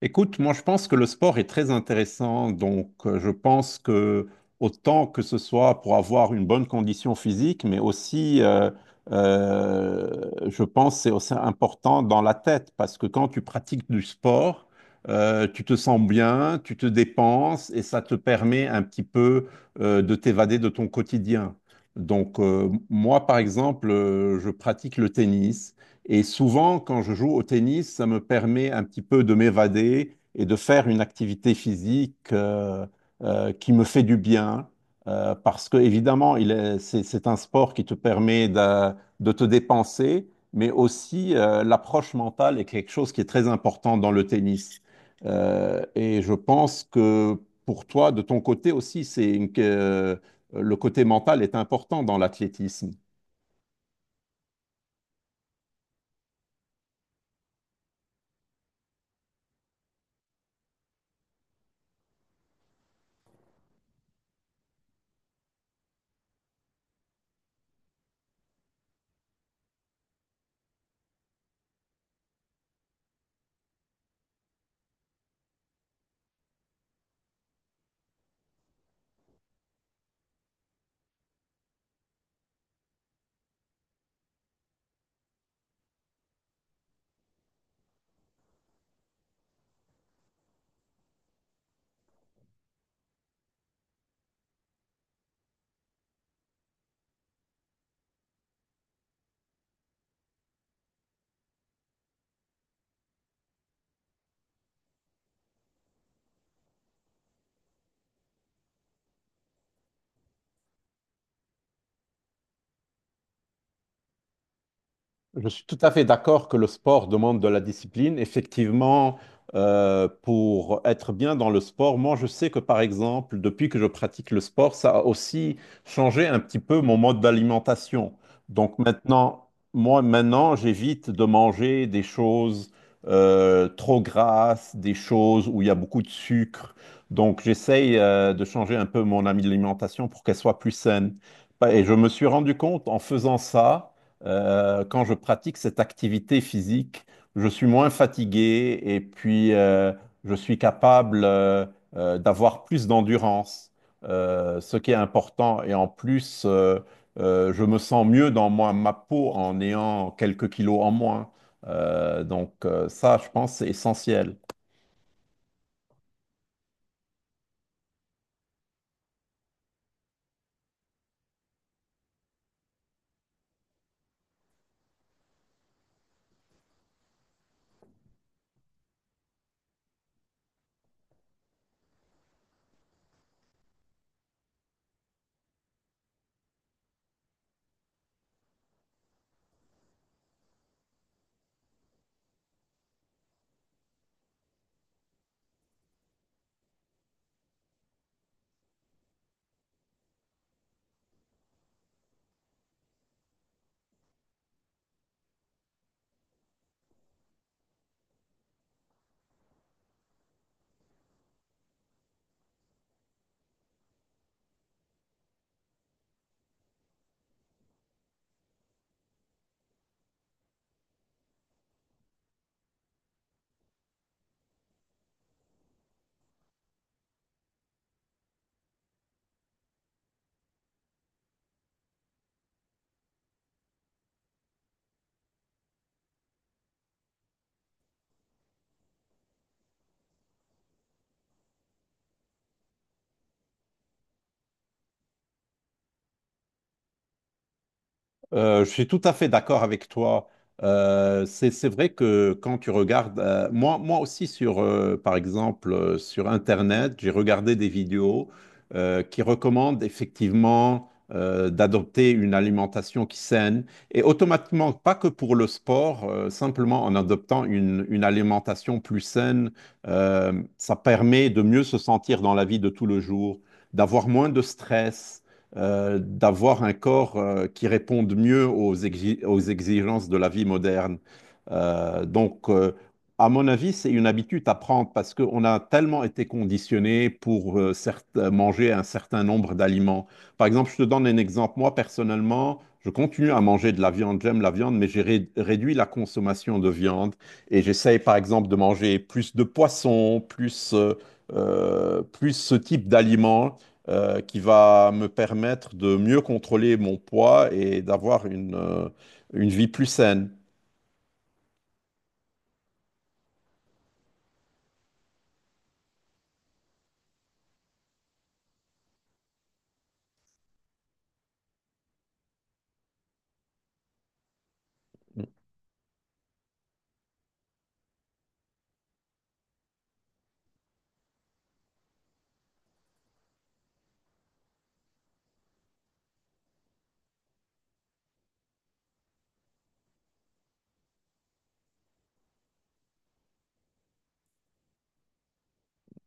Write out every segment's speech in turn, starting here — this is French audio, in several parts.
Écoute, moi je pense que le sport est très intéressant, donc je pense que autant que ce soit pour avoir une bonne condition physique, mais aussi, je pense que c'est aussi important dans la tête, parce que quand tu pratiques du sport, tu te sens bien, tu te dépenses et ça te permet un petit peu, de t'évader de ton quotidien. Donc moi par exemple, je pratique le tennis. Et souvent, quand je joue au tennis, ça me permet un petit peu de m'évader et de faire une activité physique qui me fait du bien. Parce que, évidemment, c'est un sport qui te permet de te dépenser, mais aussi, l'approche mentale est quelque chose qui est très important dans le tennis. Et je pense que pour toi, de ton côté aussi, que, le côté mental est important dans l'athlétisme. Je suis tout à fait d'accord que le sport demande de la discipline. Effectivement, pour être bien dans le sport, moi je sais que par exemple, depuis que je pratique le sport, ça a aussi changé un petit peu mon mode d'alimentation. Donc maintenant, moi maintenant, j'évite de manger des choses trop grasses, des choses où il y a beaucoup de sucre. Donc j'essaye de changer un peu mon alimentation pour qu'elle soit plus saine. Et je me suis rendu compte en faisant ça, quand je pratique cette activité physique, je suis moins fatigué et puis je suis capable d'avoir plus d'endurance, ce qui est important. Et en plus, je me sens mieux dans moi, ma peau en ayant quelques kilos en moins. Donc ça, je pense, c'est essentiel. Je suis tout à fait d'accord avec toi. C'est vrai que quand tu regardes, moi, moi aussi sur, par exemple, sur Internet, j'ai regardé des vidéos qui recommandent effectivement d'adopter une alimentation qui saine et automatiquement, pas que pour le sport, simplement en adoptant une alimentation plus saine, ça permet de mieux se sentir dans la vie de tout le jour, d'avoir moins de stress, d'avoir un corps qui réponde mieux aux, aux exigences de la vie moderne. Donc, à mon avis, c'est une habitude à prendre parce qu'on a tellement été conditionné pour manger un certain nombre d'aliments. Par exemple, je te donne un exemple. Moi, personnellement, je continue à manger de la viande. J'aime la viande, mais j'ai réduit la consommation de viande et j'essaye, par exemple, de manger plus de poissons, plus, plus ce type d'aliments qui va me permettre de mieux contrôler mon poids et d'avoir une vie plus saine.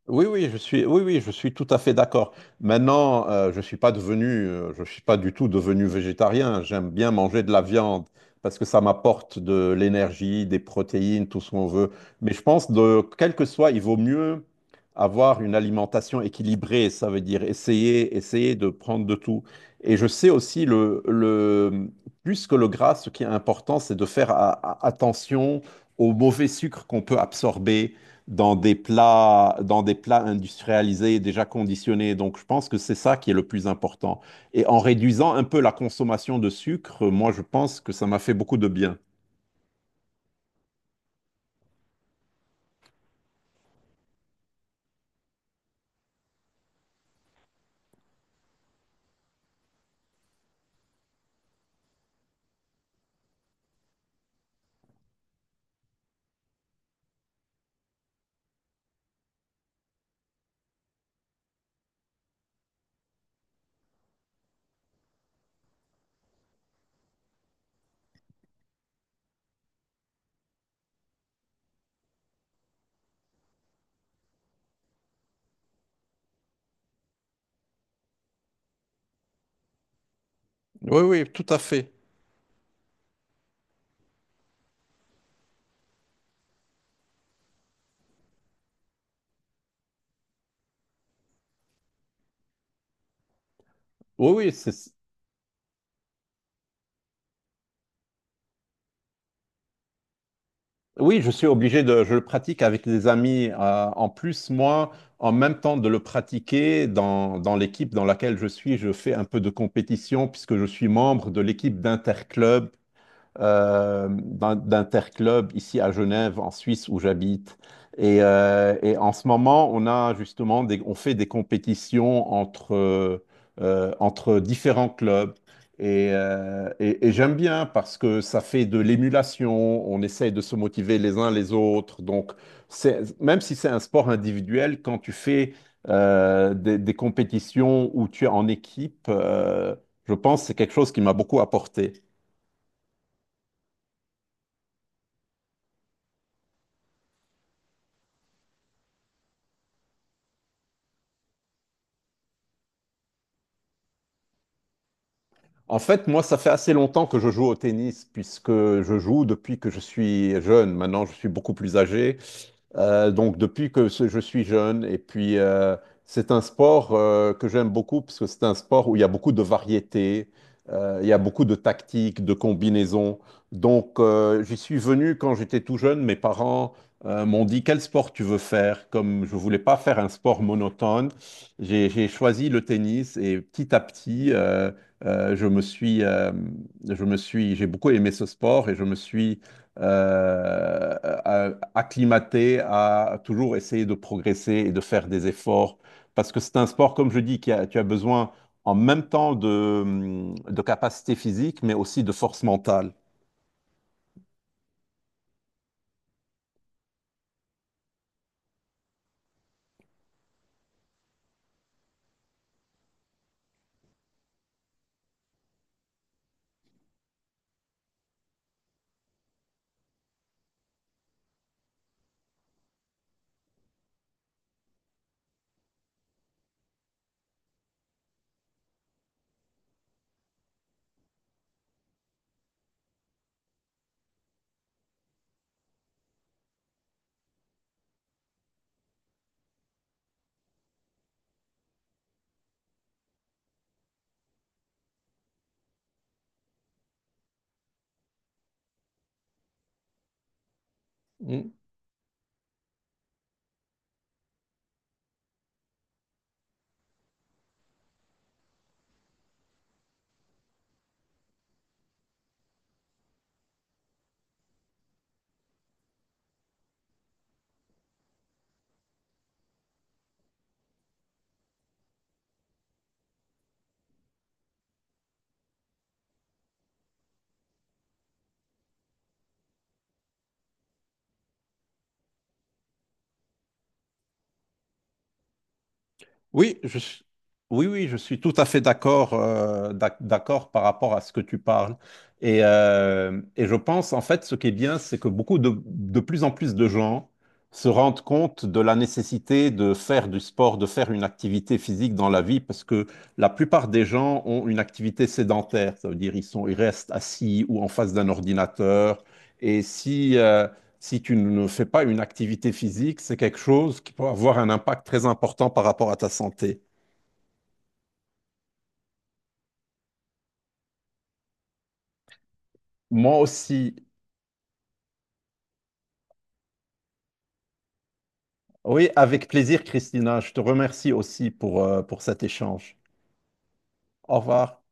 Oui, oui, oui, oui, je suis tout à fait d'accord. Maintenant, je suis pas devenu, je suis pas du tout devenu végétarien. J'aime bien manger de la viande parce que ça m'apporte de l'énergie, des protéines, tout ce qu'on veut. Mais je pense de quel que soit, il vaut mieux avoir une alimentation équilibrée. Ça veut dire essayer, essayer de prendre de tout. Et je sais aussi le plus que le gras, ce qui est important, c'est de faire attention aux mauvais sucres qu'on peut absorber dans des plats industrialisés déjà conditionnés. Donc, je pense que c'est ça qui est le plus important. Et en réduisant un peu la consommation de sucre, moi, je pense que ça m'a fait beaucoup de bien. Oui, oui, tout à fait. Oui, oui, c'est- oui, je suis obligé de, je le pratique avec des amis. En plus, moi, en même temps de le pratiquer, dans, dans l'équipe dans laquelle je suis, je fais un peu de compétition puisque je suis membre de l'équipe d'interclub, d'interclub ici à Genève, en Suisse, où j'habite. Et en ce moment, on a justement on fait des compétitions entre, entre différents clubs. Et, et j'aime bien parce que ça fait de l'émulation, on essaye de se motiver les uns les autres. Donc, c'est- même si c'est un sport individuel, quand tu fais des compétitions où tu es en équipe, je pense que c'est quelque chose qui m'a beaucoup apporté. En fait, moi, ça fait assez longtemps que je joue au tennis, puisque je joue depuis que je suis jeune. Maintenant, je suis beaucoup plus âgé. Donc depuis que je suis jeune, et puis c'est un sport que j'aime beaucoup parce que c'est un sport où il y a beaucoup de variétés, il y a beaucoup de tactiques, de combinaisons. Donc j'y suis venu quand j'étais tout jeune, mes parents m'ont dit quel sport tu veux faire. Comme je voulais pas faire un sport monotone, j'ai choisi le tennis et petit à petit euh, je me suis, euh, je me suis, j'ai beaucoup aimé ce sport et je me suis acclimaté à toujours essayer de progresser et de faire des efforts. Parce que c'est un sport, comme je dis, tu as besoin en même temps de capacité physique, mais aussi de force mentale. Oui, oui, oui, je suis tout à fait d'accord d'accord par rapport à ce que tu parles. Et je pense, en fait, ce qui est bien, c'est que beaucoup de plus en plus de gens se rendent compte de la nécessité de faire du sport, de faire une activité physique dans la vie, parce que la plupart des gens ont une activité sédentaire. Ça veut dire ils sont, ils restent assis ou en face d'un ordinateur. Et si, si tu ne fais pas une activité physique, c'est quelque chose qui peut avoir un impact très important par rapport à ta santé. Moi aussi. Oui, avec plaisir, Christina. Je te remercie aussi pour cet échange. Au revoir.